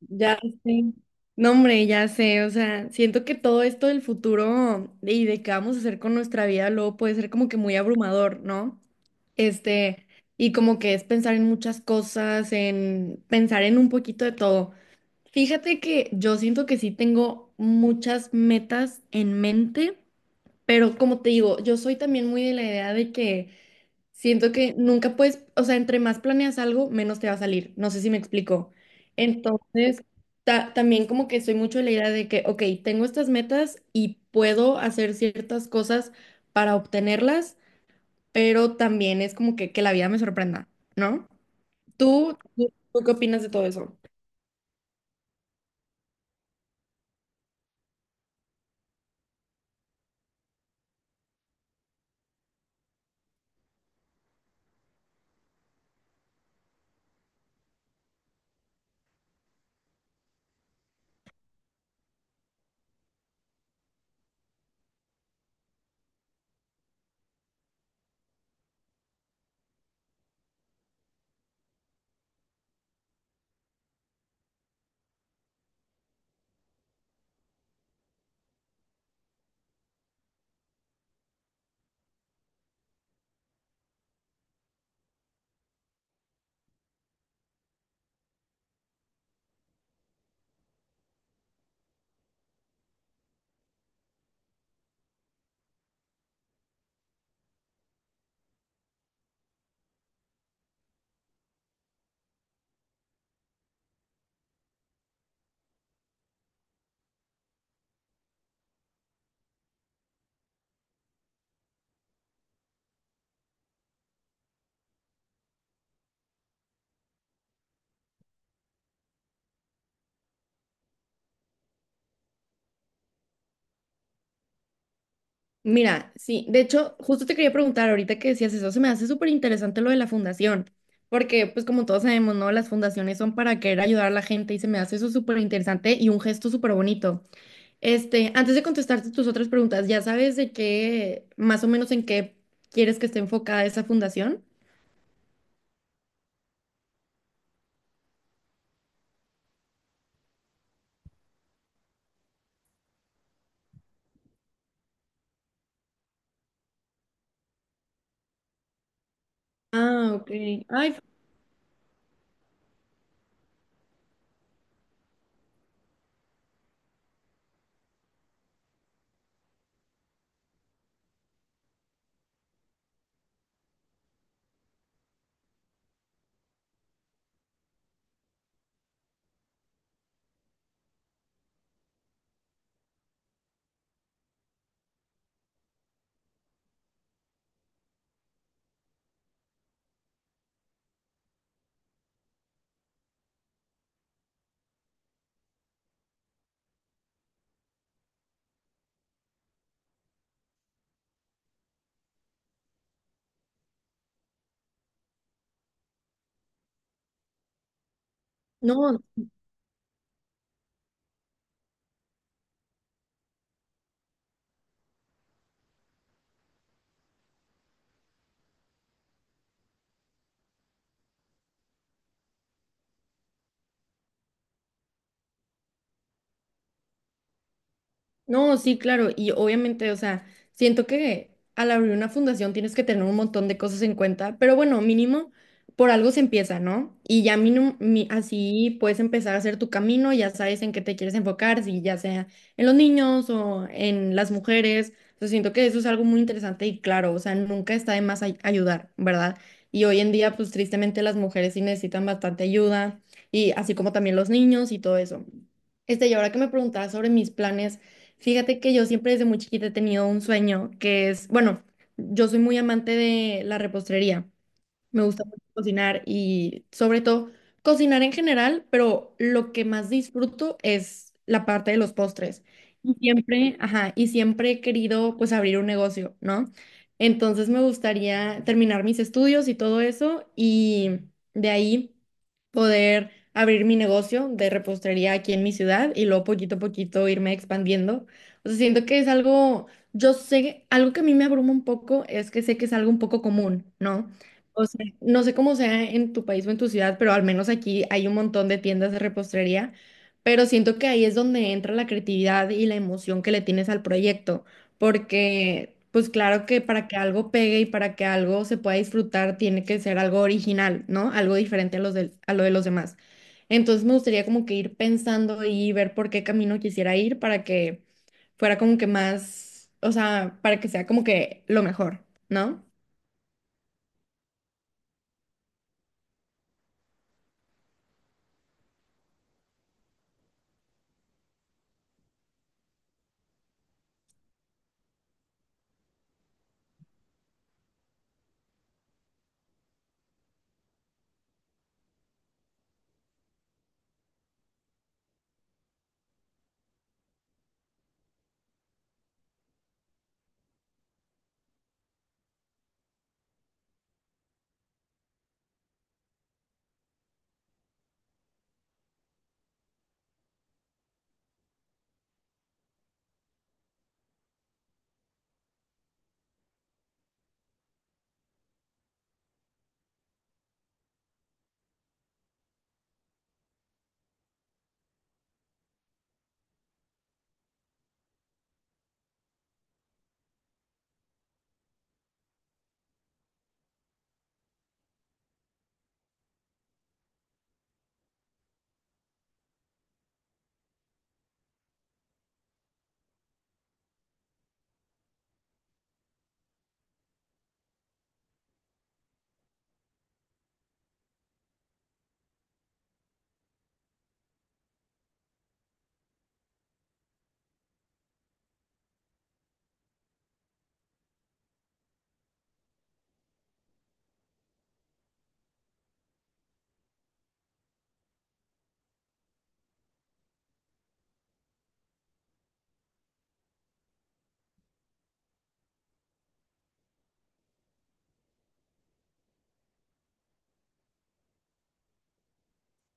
Ya sé. No, hombre, ya sé. O sea, siento que todo esto del futuro y de qué vamos a hacer con nuestra vida luego puede ser como que muy abrumador, ¿no? Este, y como que es pensar en muchas cosas, en pensar en un poquito de todo. Fíjate que yo siento que sí tengo muchas metas en mente, pero como te digo, yo soy también muy de la idea de que siento que nunca puedes, o sea, entre más planeas algo, menos te va a salir. No sé si me explico. Entonces, también como que soy mucho de la idea de que, ok, tengo estas metas y puedo hacer ciertas cosas para obtenerlas, pero también es como que la vida me sorprenda, ¿no? ¿Tú qué opinas de todo eso? Mira, sí, de hecho, justo te quería preguntar ahorita que decías eso, se me hace súper interesante lo de la fundación, porque pues como todos sabemos, ¿no? Las fundaciones son para querer ayudar a la gente y se me hace eso súper interesante y un gesto súper bonito. Antes de contestarte tus otras preguntas, ¿ya sabes de qué, más o menos en qué quieres que esté enfocada esa fundación? Ah, ok. Ay, no. No, sí, claro, y obviamente, o sea, siento que al abrir una fundación tienes que tener un montón de cosas en cuenta, pero bueno, mínimo por algo se empieza, ¿no? Y ya mínimo, así puedes empezar a hacer tu camino, ya sabes en qué te quieres enfocar, si ya sea en los niños o en las mujeres, o sea, siento que eso es algo muy interesante y claro, o sea, nunca está de más ayudar, ¿verdad? Y hoy en día, pues tristemente las mujeres sí necesitan bastante ayuda, y así como también los niños y todo eso. Y ahora que me preguntabas sobre mis planes. Fíjate que yo siempre desde muy chiquita he tenido un sueño que es, bueno, yo soy muy amante de la repostería. Me gusta mucho cocinar y sobre todo cocinar en general, pero lo que más disfruto es la parte de los postres. Y siempre, ajá, y siempre he querido pues abrir un negocio, ¿no? Entonces me gustaría terminar mis estudios y todo eso y de ahí poder abrir mi negocio de repostería aquí en mi ciudad y luego poquito a poquito irme expandiendo. O sea, siento que es algo, yo sé, algo que a mí me abruma un poco es que sé que es algo un poco común, ¿no? O sea, no sé cómo sea en tu país o en tu ciudad, pero al menos aquí hay un montón de tiendas de repostería, pero siento que ahí es donde entra la creatividad y la emoción que le tienes al proyecto, porque pues claro que para que algo pegue y para que algo se pueda disfrutar tiene que ser algo original, ¿no? Algo diferente a a lo de los demás. Entonces me gustaría como que ir pensando y ver por qué camino quisiera ir para que fuera como que más, o sea, para que sea como que lo mejor, ¿no?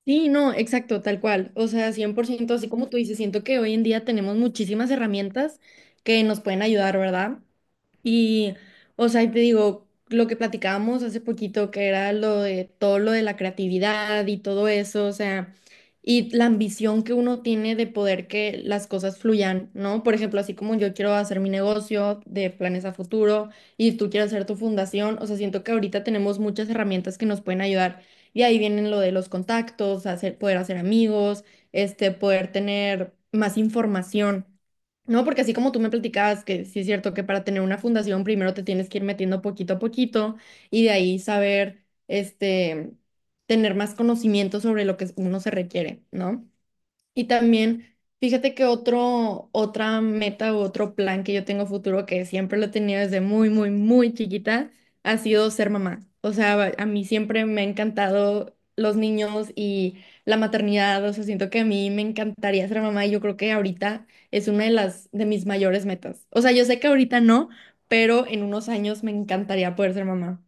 Sí, no, exacto, tal cual. O sea, 100%, así como tú dices, siento que hoy en día tenemos muchísimas herramientas que nos pueden ayudar, ¿verdad? Y, o sea, y te digo, lo que platicábamos hace poquito, que era lo de todo lo de la creatividad y todo eso, o sea, y la ambición que uno tiene de poder que las cosas fluyan, ¿no? Por ejemplo, así como yo quiero hacer mi negocio de planes a futuro y tú quieres hacer tu fundación, o sea, siento que ahorita tenemos muchas herramientas que nos pueden ayudar. Y ahí vienen lo de los contactos, hacer, poder hacer amigos, poder tener más información. No, porque así como tú me platicabas que sí es cierto que para tener una fundación primero te tienes que ir metiendo poquito a poquito y de ahí saber, tener más conocimiento sobre lo que uno se requiere, ¿no? Y también, fíjate que otra meta u otro plan que yo tengo futuro, que siempre lo he tenido desde muy chiquita, ha sido ser mamá. O sea, a mí siempre me ha encantado los niños y la maternidad. O sea, siento que a mí me encantaría ser mamá y yo creo que ahorita es una de de mis mayores metas. O sea, yo sé que ahorita no, pero en unos años me encantaría poder ser mamá.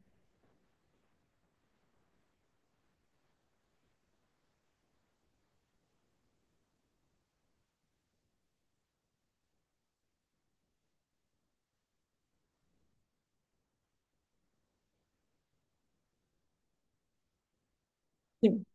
Sí.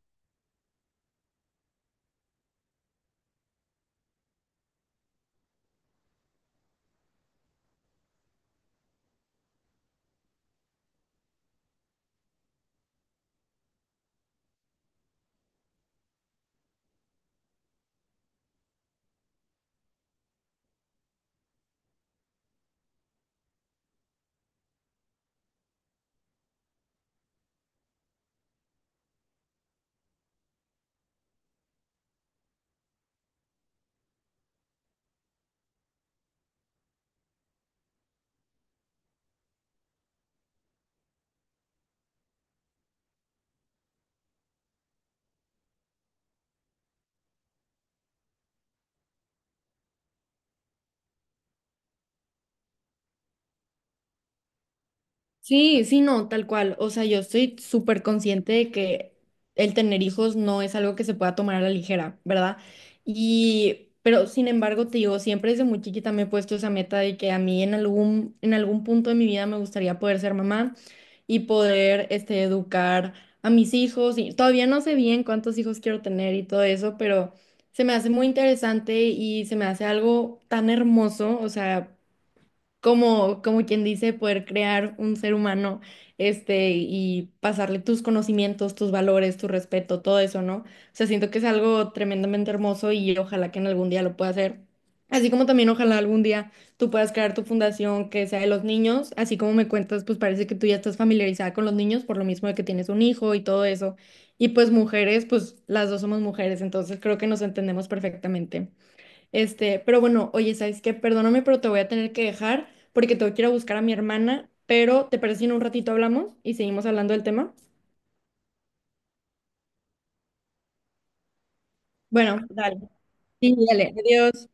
Sí, sí, no, tal cual. O sea, yo estoy súper consciente de que el tener hijos no es algo que se pueda tomar a la ligera, ¿verdad? Y, pero sin embargo, te digo, siempre desde muy chiquita me he puesto esa meta de que a mí en en algún punto de mi vida me gustaría poder ser mamá y poder, educar a mis hijos. Y todavía no sé bien cuántos hijos quiero tener y todo eso, pero se me hace muy interesante y se me hace algo tan hermoso, o sea como, como quien dice, poder crear un ser humano, y pasarle tus conocimientos, tus valores, tu respeto, todo eso, ¿no? O sea, siento que es algo tremendamente hermoso y ojalá que en algún día lo pueda hacer. Así como también ojalá algún día tú puedas crear tu fundación que sea de los niños, así como me cuentas, pues parece que tú ya estás familiarizada con los niños por lo mismo de que tienes un hijo y todo eso. Y pues mujeres, pues las dos somos mujeres, entonces creo que nos entendemos perfectamente. Pero bueno, oye, ¿sabes qué? Perdóname, pero te voy a tener que dejar porque tengo que ir a buscar a mi hermana, pero ¿te parece si en un ratito hablamos y seguimos hablando del tema? Bueno, dale. Sí, dale. Adiós.